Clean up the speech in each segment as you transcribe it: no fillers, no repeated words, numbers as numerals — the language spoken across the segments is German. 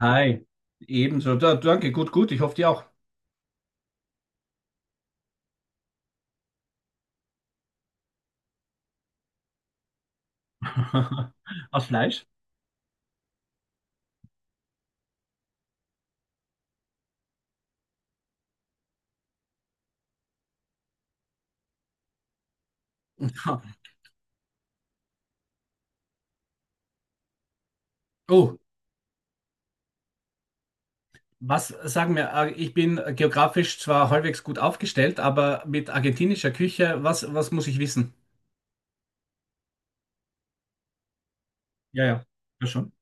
Hi, ebenso. Da, danke, gut, gut. Ich hoffe, dir auch. Aus Fleisch. Oh, was sagen wir? Ich bin geografisch zwar halbwegs gut aufgestellt, aber mit argentinischer Küche, was muss ich wissen? Ja, ja, ja schon.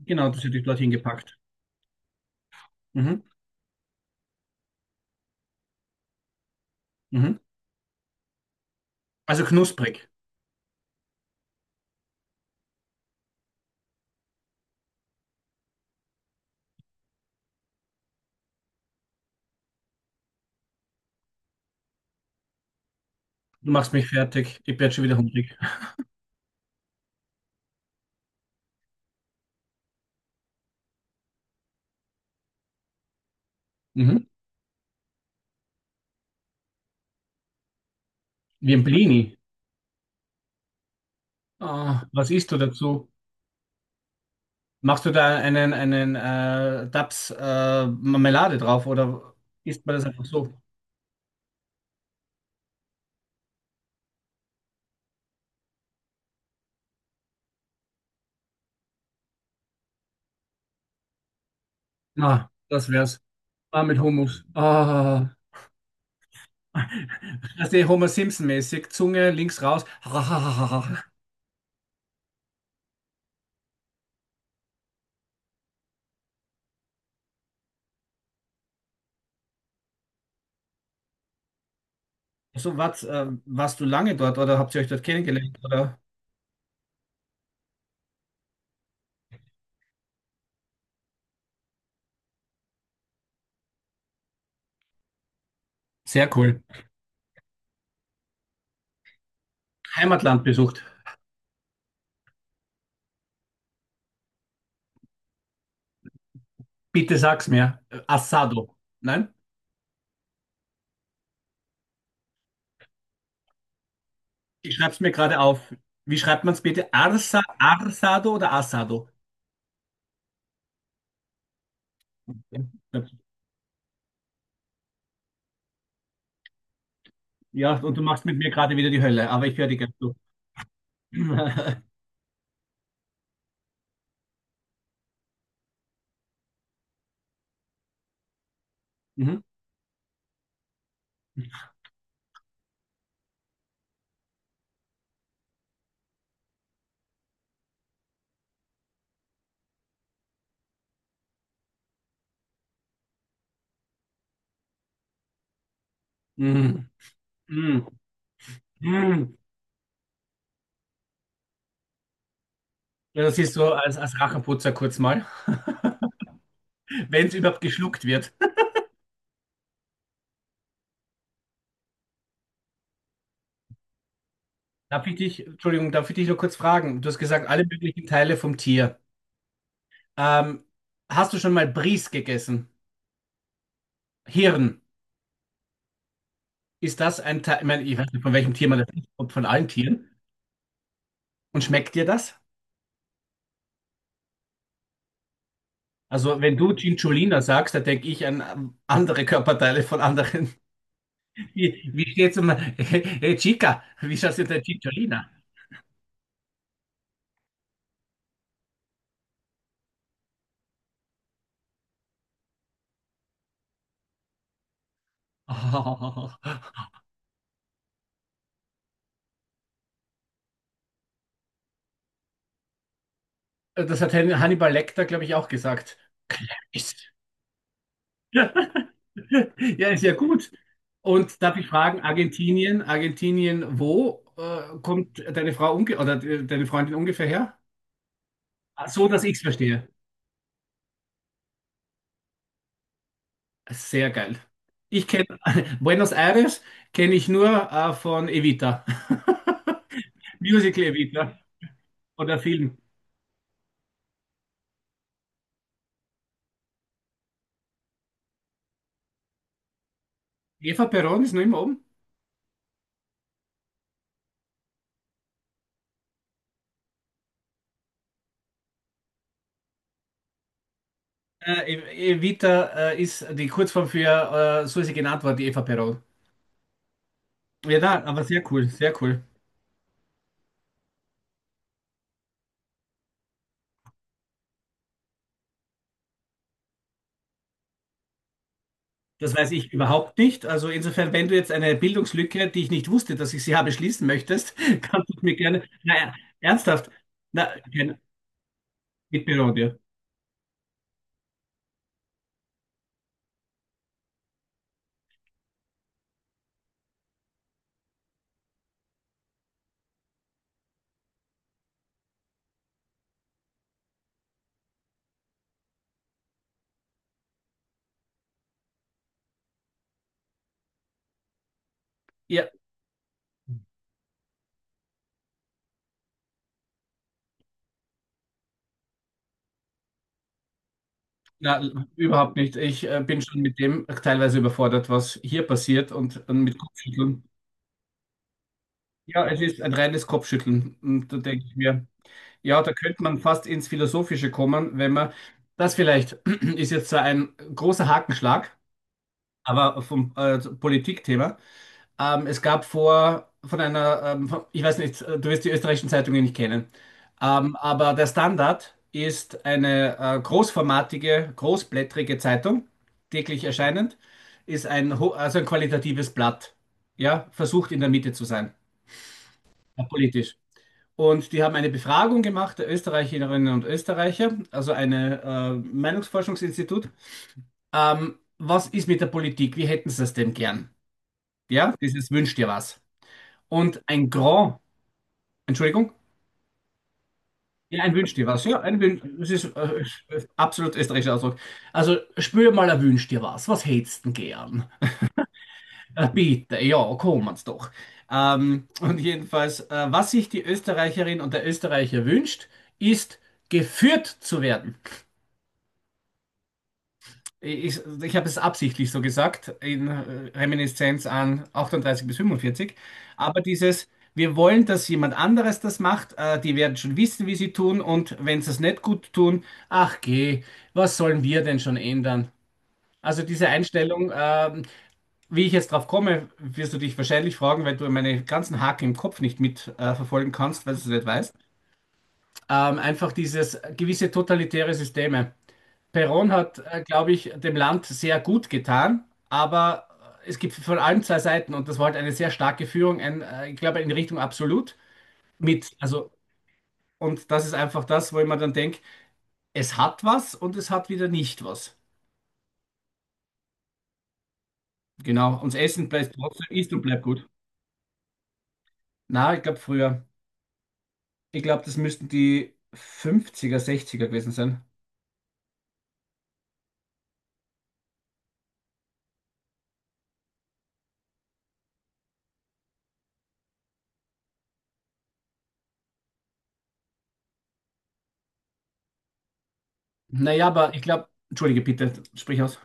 Genau, das hätte ich dorthin gepackt. Mhm, mhm. Also knusprig. Du machst mich fertig. Ich werde schon wieder hungrig. Mhm. Wie ein Blini. Ah, was isst du dazu? Machst du da einen Dabs Marmelade drauf oder isst man das einfach so? Ah, das wär's. Ah, mit Hummus. Ah. Das ist Homer Simpson-mäßig. Zunge links raus. So, warst du lange dort oder habt ihr euch dort kennengelernt? Oder? Sehr cool. Heimatland besucht. Bitte sag's mir. Assado. Nein? Ich schreib's mir gerade auf. Wie schreibt man's bitte? Arsado oder Assado? Ja, und du machst mit mir gerade wieder die Hölle, aber ich höre dir ganz zu. Mhm. Mhm. Mhm. Mhm. Ja, das ist so als Rachenputzer kurz mal. Wenn es überhaupt geschluckt wird. Darf ich dich, Entschuldigung, darf ich dich nur kurz fragen? Du hast gesagt, alle möglichen Teile vom Tier. Ähm, Hast du schon mal Bries gegessen? Hirn. Ist das ein Teil? Ich meine, ich weiß nicht, von welchem Tier man das isst, ob von allen Tieren. Und schmeckt dir das? Also, wenn du Cinciolina sagst, da denke ich an andere Körperteile von anderen. Wie steht's um hey, Chica? Wie schaut's du denn Cinciolina? Oh, das hat Hannibal Lecter, glaube ich, auch gesagt. Ist. Ja, ist ja gut. Und darf ich fragen, Argentinien, Argentinien, wo kommt deine Frau deine Freundin ungefähr her? Ah, so, dass ich es verstehe. Sehr geil. Ich kenne Buenos Aires kenne ich nur von Evita. Musical Evita oder Film. Eva Perón ist noch immer oben. Evita ist die Kurzform so ist sie genannt worden, die Eva Perón. Ja, na, aber sehr cool, sehr cool. Das weiß ich überhaupt nicht. Also insofern, wenn du jetzt eine Bildungslücke, die ich nicht wusste, dass ich sie habe, schließen möchtest, kannst du mir gerne. Naja, ernsthaft. Na, kein Mitbürger dir. Ja, na, überhaupt nicht. Ich bin schon mit dem teilweise überfordert, was hier passiert und mit Kopfschütteln. Ja, es ist ein reines Kopfschütteln. Und da denke ich mir, ja, da könnte man fast ins Philosophische kommen, wenn man, das vielleicht ist jetzt zwar ein großer Hakenschlag, aber vom Politikthema. Es gab vor von einer, von, ich weiß nicht, du wirst die österreichischen Zeitungen nicht kennen, aber der Standard ist eine großformatige, großblättrige Zeitung, täglich erscheinend, ist also ein qualitatives Blatt, ja, versucht in der Mitte zu sein, politisch. Und die haben eine Befragung gemacht der Österreicherinnen und Österreicher, also eine Meinungsforschungsinstitut. Was ist mit der Politik? Wie hätten sie es denn gern? Ja, dieses wünscht dir was. Und ein Grand Entschuldigung? Ja, ein Wünsch dir was. Ja, ein Wünsch. Das ist absolut österreichischer Ausdruck. Also, spür mal ein Wünsch dir was. Was hättest denn gern? Bitte, ja, kommen's doch. Und jedenfalls, was sich die Österreicherin und der Österreicher wünscht, ist, geführt zu werden. Ich habe es absichtlich so gesagt, in Reminiszenz an 38 bis 45. Aber dieses, wir wollen, dass jemand anderes das macht, die werden schon wissen, wie sie tun und wenn sie es nicht gut tun, ach geh, was sollen wir denn schon ändern? Also diese Einstellung, wie ich jetzt drauf komme, wirst du dich wahrscheinlich fragen, weil du meine ganzen Haken im Kopf nicht mit verfolgen kannst, weil du es nicht weißt. Einfach dieses gewisse totalitäre Systeme. Perón hat, glaube ich, dem Land sehr gut getan, aber es gibt von allen zwei Seiten und das war halt eine sehr starke Führung, ich glaube, in Richtung absolut mit. Also, und das ist einfach das, wo ich mir dann denke, es hat was und es hat wieder nicht was. Genau, und das Essen bleibt trotzdem, ist und bleibt gut. Na, ich glaube früher. Ich glaube, das müssten die 50er, 60er gewesen sein. Naja, aber ich glaube, entschuldige bitte, sprich aus.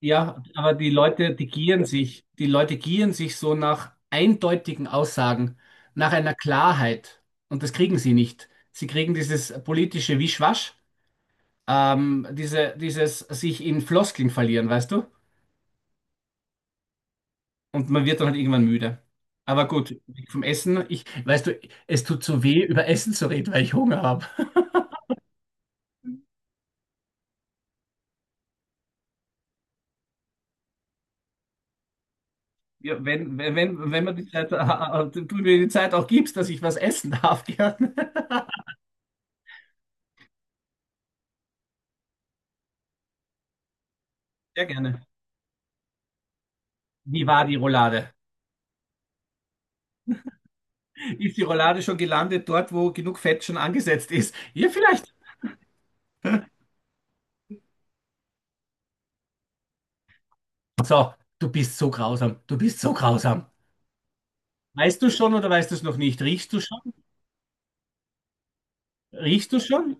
Ja, aber die Leute, die gieren sich, die Leute gieren sich so nach eindeutigen Aussagen, nach einer Klarheit. Und das kriegen sie nicht. Sie kriegen dieses politische Wischwasch, dieses sich in Floskeln verlieren, weißt du? Und man wird dann halt irgendwann müde. Aber gut, weg vom Essen, ich, weißt du, es tut so weh, über Essen zu reden, weil ich Hunger habe. Ja, wenn man du mir die Zeit auch gibst, dass ich was essen darf, gerne. Sehr gerne. Wie war die Roulade? Ist die Roulade schon gelandet dort, wo genug Fett schon angesetzt ist? Ja, vielleicht. So, du bist so grausam. Du bist so grausam. Weißt du schon oder weißt du es noch nicht? Riechst du schon? Riechst du schon?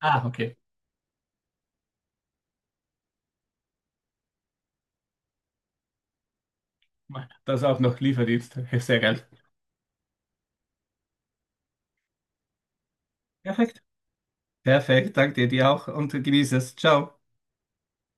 Ah, okay. Das auch noch Lieferdienst. Sehr geil. Perfekt. Perfekt. Danke dir, dir auch und genieße es. Ciao.